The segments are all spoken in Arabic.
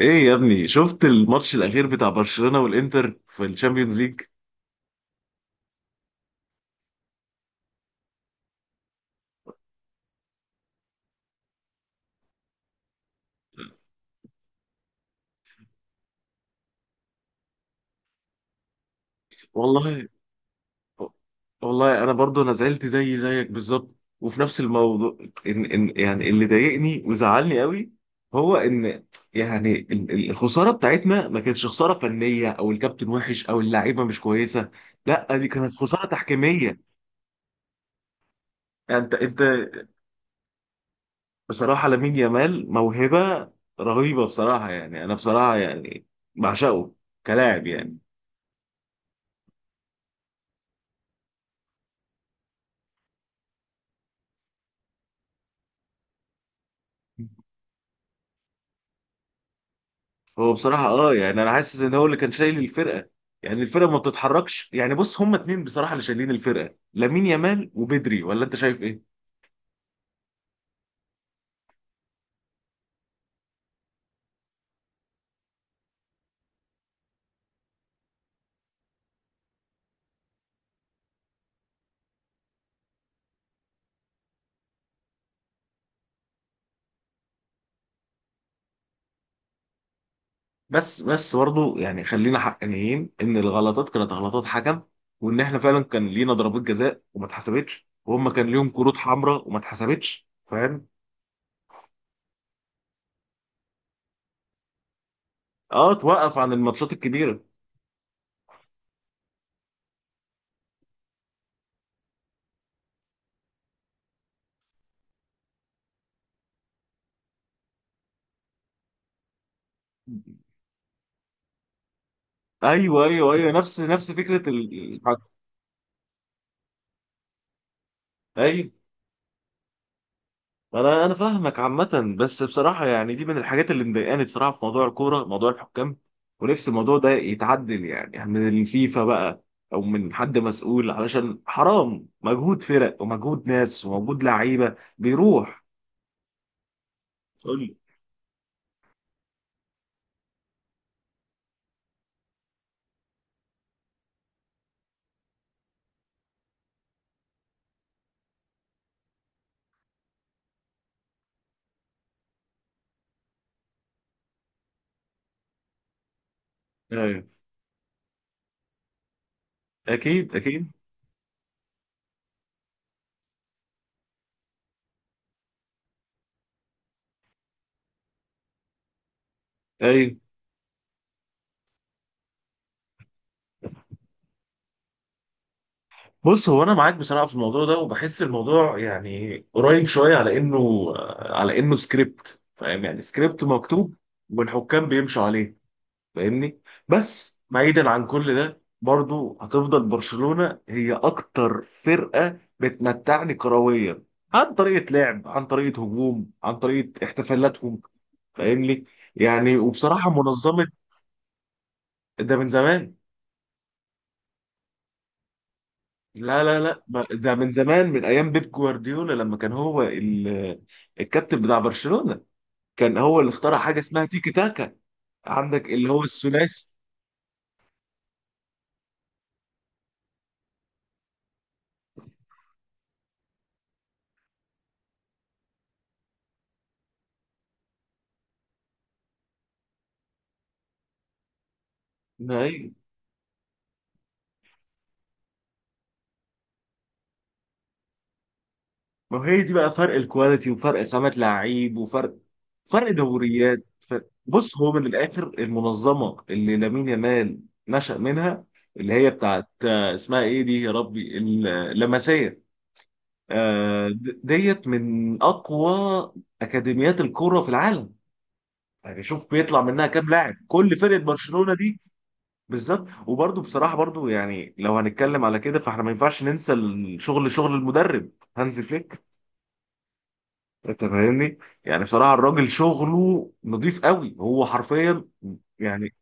ايه يا ابني، شفت الماتش الاخير بتاع برشلونة والانتر في الشامبيونز ليج؟ والله والله انا برضو انا زعلت زي زيك بالظبط، وفي نفس الموضوع ان ان يعني اللي ضايقني وزعلني قوي هو ان يعني الخساره بتاعتنا ما كانتش خساره فنيه او الكابتن وحش او اللعيبه مش كويسه، لا دي كانت خساره تحكيميه يعني. انت بصراحه لامين يامال موهبه رهيبه، بصراحه يعني انا بصراحه يعني بعشقه كلاعب يعني. هو بصراحة، يعني انا حاسس ان هو اللي كان شايل الفرقة، يعني الفرقة ما بتتحركش. يعني بص، هما اتنين بصراحة اللي شايلين الفرقة، لامين يامال وبدري، ولا انت شايف ايه؟ بس برضه يعني خلينا حقانيين ان الغلطات كانت غلطات حكم، وان احنا فعلا كان لينا ضربات جزاء وما اتحسبتش، وهم كان ليهم كروت حمراء وما اتحسبتش، فاهم؟ اه، توقف عن الماتشات الكبيرة. ايوه ايوه ايوه، نفس فكرة الحكم. ايوه، انا فاهمك عامه، بس بصراحه يعني دي من الحاجات اللي مضايقاني بصراحه في موضوع الكوره، موضوع الحكام. ونفسي الموضوع ده يتعدل، يعني يعني من الفيفا بقى، او من حد مسؤول، علشان حرام مجهود فرق ومجهود ناس ومجهود لعيبه بيروح. قول لي. ايوه، اكيد اكيد. ايوه، بص هو انا معاك بصراحه في الموضوع ده، وبحس الموضوع يعني قريب شويه على انه، على انه سكريبت، فاهم؟ يعني سكريبت مكتوب، والحكام بيمشوا عليه. فاهمني؟ بس بعيدا عن كل ده، برضو هتفضل برشلونة هي اكتر فرقة بتمتعني كرويا، عن طريقة لعب، عن طريقة هجوم، عن طريقة احتفالاتهم، فاهمني؟ يعني وبصراحة منظمة. ده من زمان. لا ده من زمان، من ايام بيب جوارديولا، لما كان هو الكابتن بتاع برشلونة، كان هو اللي اخترع حاجة اسمها تيكي تاكا. عندك اللي هو الثلاثي. أيوه. ما هي دي بقى فرق الكواليتي، وفرق خامة لعيب، وفرق، فرق دوريات، فرق. بص هو من الآخر، المنظمة اللي لامين يامال نشأ منها، اللي هي بتاعت اسمها ايه دي يا ربي، اللمسية. ديت من أقوى أكاديميات الكرة في العالم، يعني شوف بيطلع منها كام لاعب كل فرقة، برشلونة دي. بالظبط، وبرضه بصراحة برضه يعني لو هنتكلم على كده، فاحنا ما ينفعش ننسى الشغل، شغل المدرب هانزي فليك. انت فاهمني؟ يعني بصراحه الراجل شغله نظيف قوي، هو حرفيا يعني.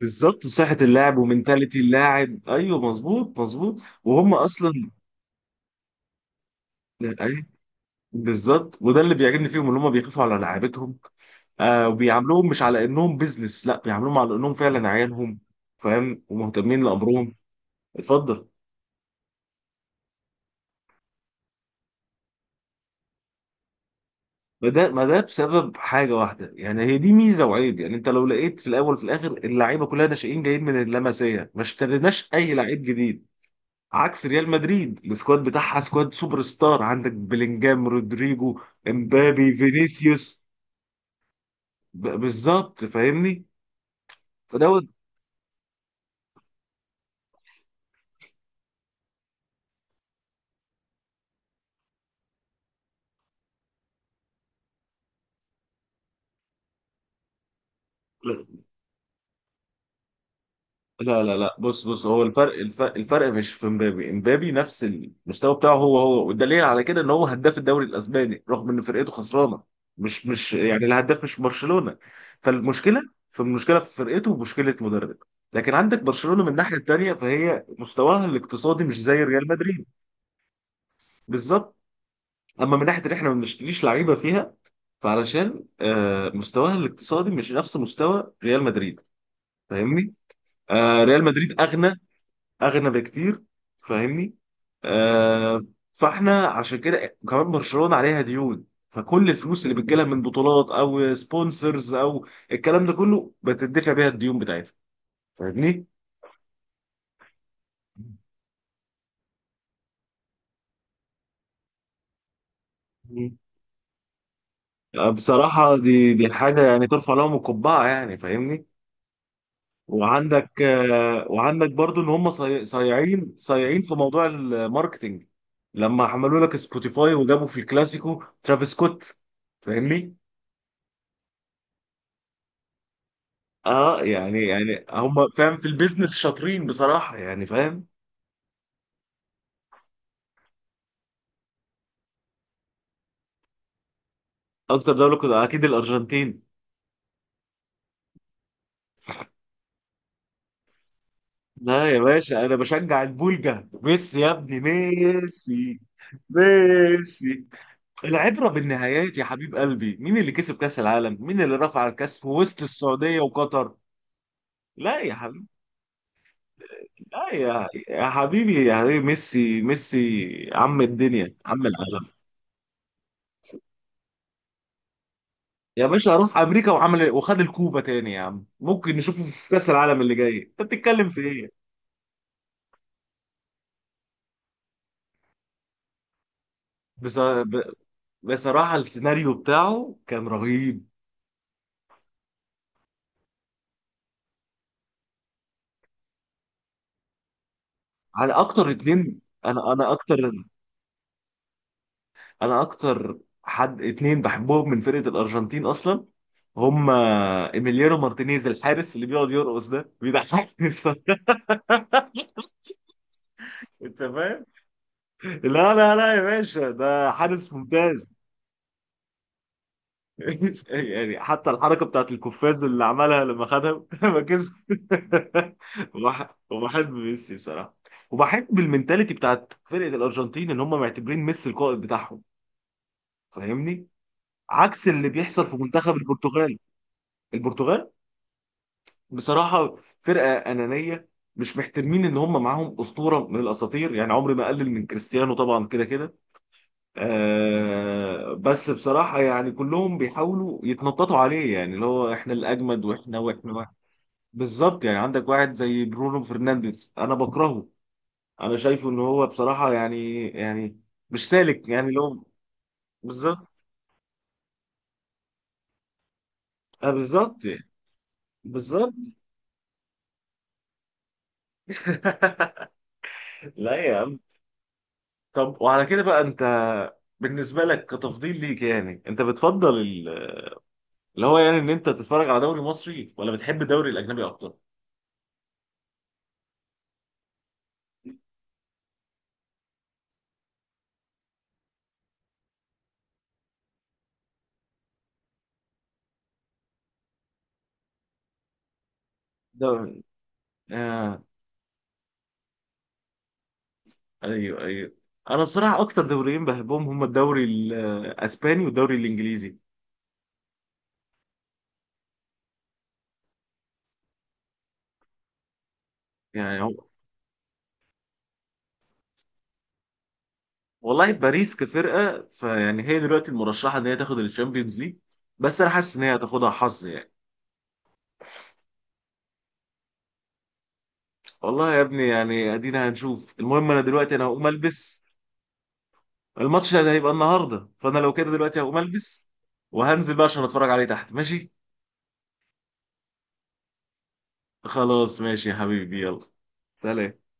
بالظبط، صحه اللاعب ومنتاليتي اللاعب، ايوه مظبوط مظبوط، وهم اصلا ايوه. بالظبط، وده اللي بيعجبني فيهم ان هم بيخافوا على لعيبتهم، آه، وبيعاملوهم مش على انهم بيزنس، لا بيعاملوهم على انهم فعلا عيالهم، فاهم؟ ومهتمين لامرهم. اتفضل. ما ده بسبب حاجه واحده، يعني هي دي ميزه وعيب، يعني انت لو لقيت في الاول وفي الاخر اللعيبه كلها ناشئين جايين من اللمسيه، ما اشتريناش اي لعيب جديد، عكس ريال مدريد، السكواد بتاعها سكواد سوبر ستار، عندك بلينجهام، رودريجو، امبابي، فينيسيوس. بالظبط فاهمني؟ فدوت. لا بص هو الفرق، الفرق، الفرق مش في امبابي، امبابي نفس المستوى بتاعه هو هو، والدليل على كده ان هو هداف الدوري الاسباني، رغم ان فرقته خسرانه، مش يعني الهداف مش برشلونه. فالمشكله، فالمشكله في فرقته، ومشكله مدرب. لكن عندك برشلونه من الناحيه التانيه، فهي مستواها الاقتصادي مش زي ريال مدريد. بالظبط. اما من ناحيه ان احنا ما بنشتريش لعيبه فيها، فعلشان مستواها الاقتصادي مش نفس مستوى ريال مدريد، فاهمني؟ آه، ريال مدريد اغنى، اغنى بكتير، فاهمني؟ آه. فاحنا عشان كده كمان برشلونه عليها ديون، فكل الفلوس اللي بتجيلها من بطولات او سبونسرز او الكلام ده كله، بتدفع بيها الديون بتاعتها، فاهمني؟ مم. بصراحه دي حاجه يعني ترفع لهم القبعه، يعني فاهمني. وعندك آه، وعندك برضو ان هم صايعين في موضوع الماركتينج، لما عملوا لك سبوتيفاي، وجابوا في الكلاسيكو ترافيس سكوت، فاهمني؟ اه يعني، يعني هم فاهم في البيزنس شاطرين بصراحة، يعني فاهم. اكتر دولة كنت اكيد الارجنتين. لا يا باشا، انا بشجع البولجا، ميسي يا ابني، ميسي، ميسي. العبرة بالنهايات يا حبيب قلبي، مين اللي كسب كأس العالم؟ مين اللي رفع الكأس في وسط السعودية وقطر؟ لا يا حبيبي، لا يا حبيبي، يا حبيبي ميسي، ميسي عم الدنيا، عم العالم. يا باشا راح امريكا وعمل إيه؟ وخد الكوبا تاني يا عم، ممكن نشوفه في كاس العالم اللي جاي، انت بتتكلم في ايه؟ بس- ب- بصراحه السيناريو بتاعه كان رهيب. على اكتر اتنين، انا اكتر، انا اكتر حد اتنين بحبهم من فرقه الارجنتين اصلا، هم ايميليانو مارتينيز، الحارس اللي بيقعد يرقص ده بيضحكني بصراحه. انت فاهم. لا يا باشا، ده حارس ممتاز. يعني حتى الحركه بتاعت القفاز اللي عملها لما خدها، لما كسب. وبحب ميسي بصراحه، وبحب المنتاليتي بتاعت فرقه الارجنتين، ان هم معتبرين ميسي القائد بتاعهم، فاهمني؟ عكس اللي بيحصل في منتخب البرتغال. البرتغال بصراحه فرقه انانيه، مش محترمين ان هم معاهم اسطوره من الاساطير، يعني عمري ما اقلل من كريستيانو طبعا، كده كده، آه. بس بصراحة يعني كلهم بيحاولوا يتنططوا عليه، يعني اللي هو احنا الأجمد، واحنا واحنا واحنا. بالظبط، يعني عندك واحد زي برونو فرنانديز، أنا بكرهه، أنا شايفه إن هو بصراحة يعني يعني مش سالك، يعني اللي هو. بالظبط. آه بالظبط يعني. بالظبط. لا يا عم. طب وعلى كده بقى أنت، بالنسبة لك كتفضيل ليك، يعني أنت بتفضل اللي هو يعني، إن أنت تتفرج على دوري مصري، ولا بتحب الدوري الأجنبي أكتر؟ دوري، ايوه ايوه، انا بصراحه اكتر دوريين بحبهم هم الدوري الاسباني والدوري الانجليزي. يعني هو، والله باريس كفرقه، فيعني هي دلوقتي المرشحه ان هي تاخد الشامبيونز ليج، بس انا حاسس ان هي هتاخدها حظ يعني. والله يا ابني، يعني ادينا هنشوف. المهم انا دلوقتي انا هقوم البس، الماتش ده هيبقى النهارده، فانا لو كده دلوقتي هقوم البس، وهنزل بقى عشان اتفرج عليه تحت. ماشي. خلاص ماشي يا حبيبي، يلا. سلام.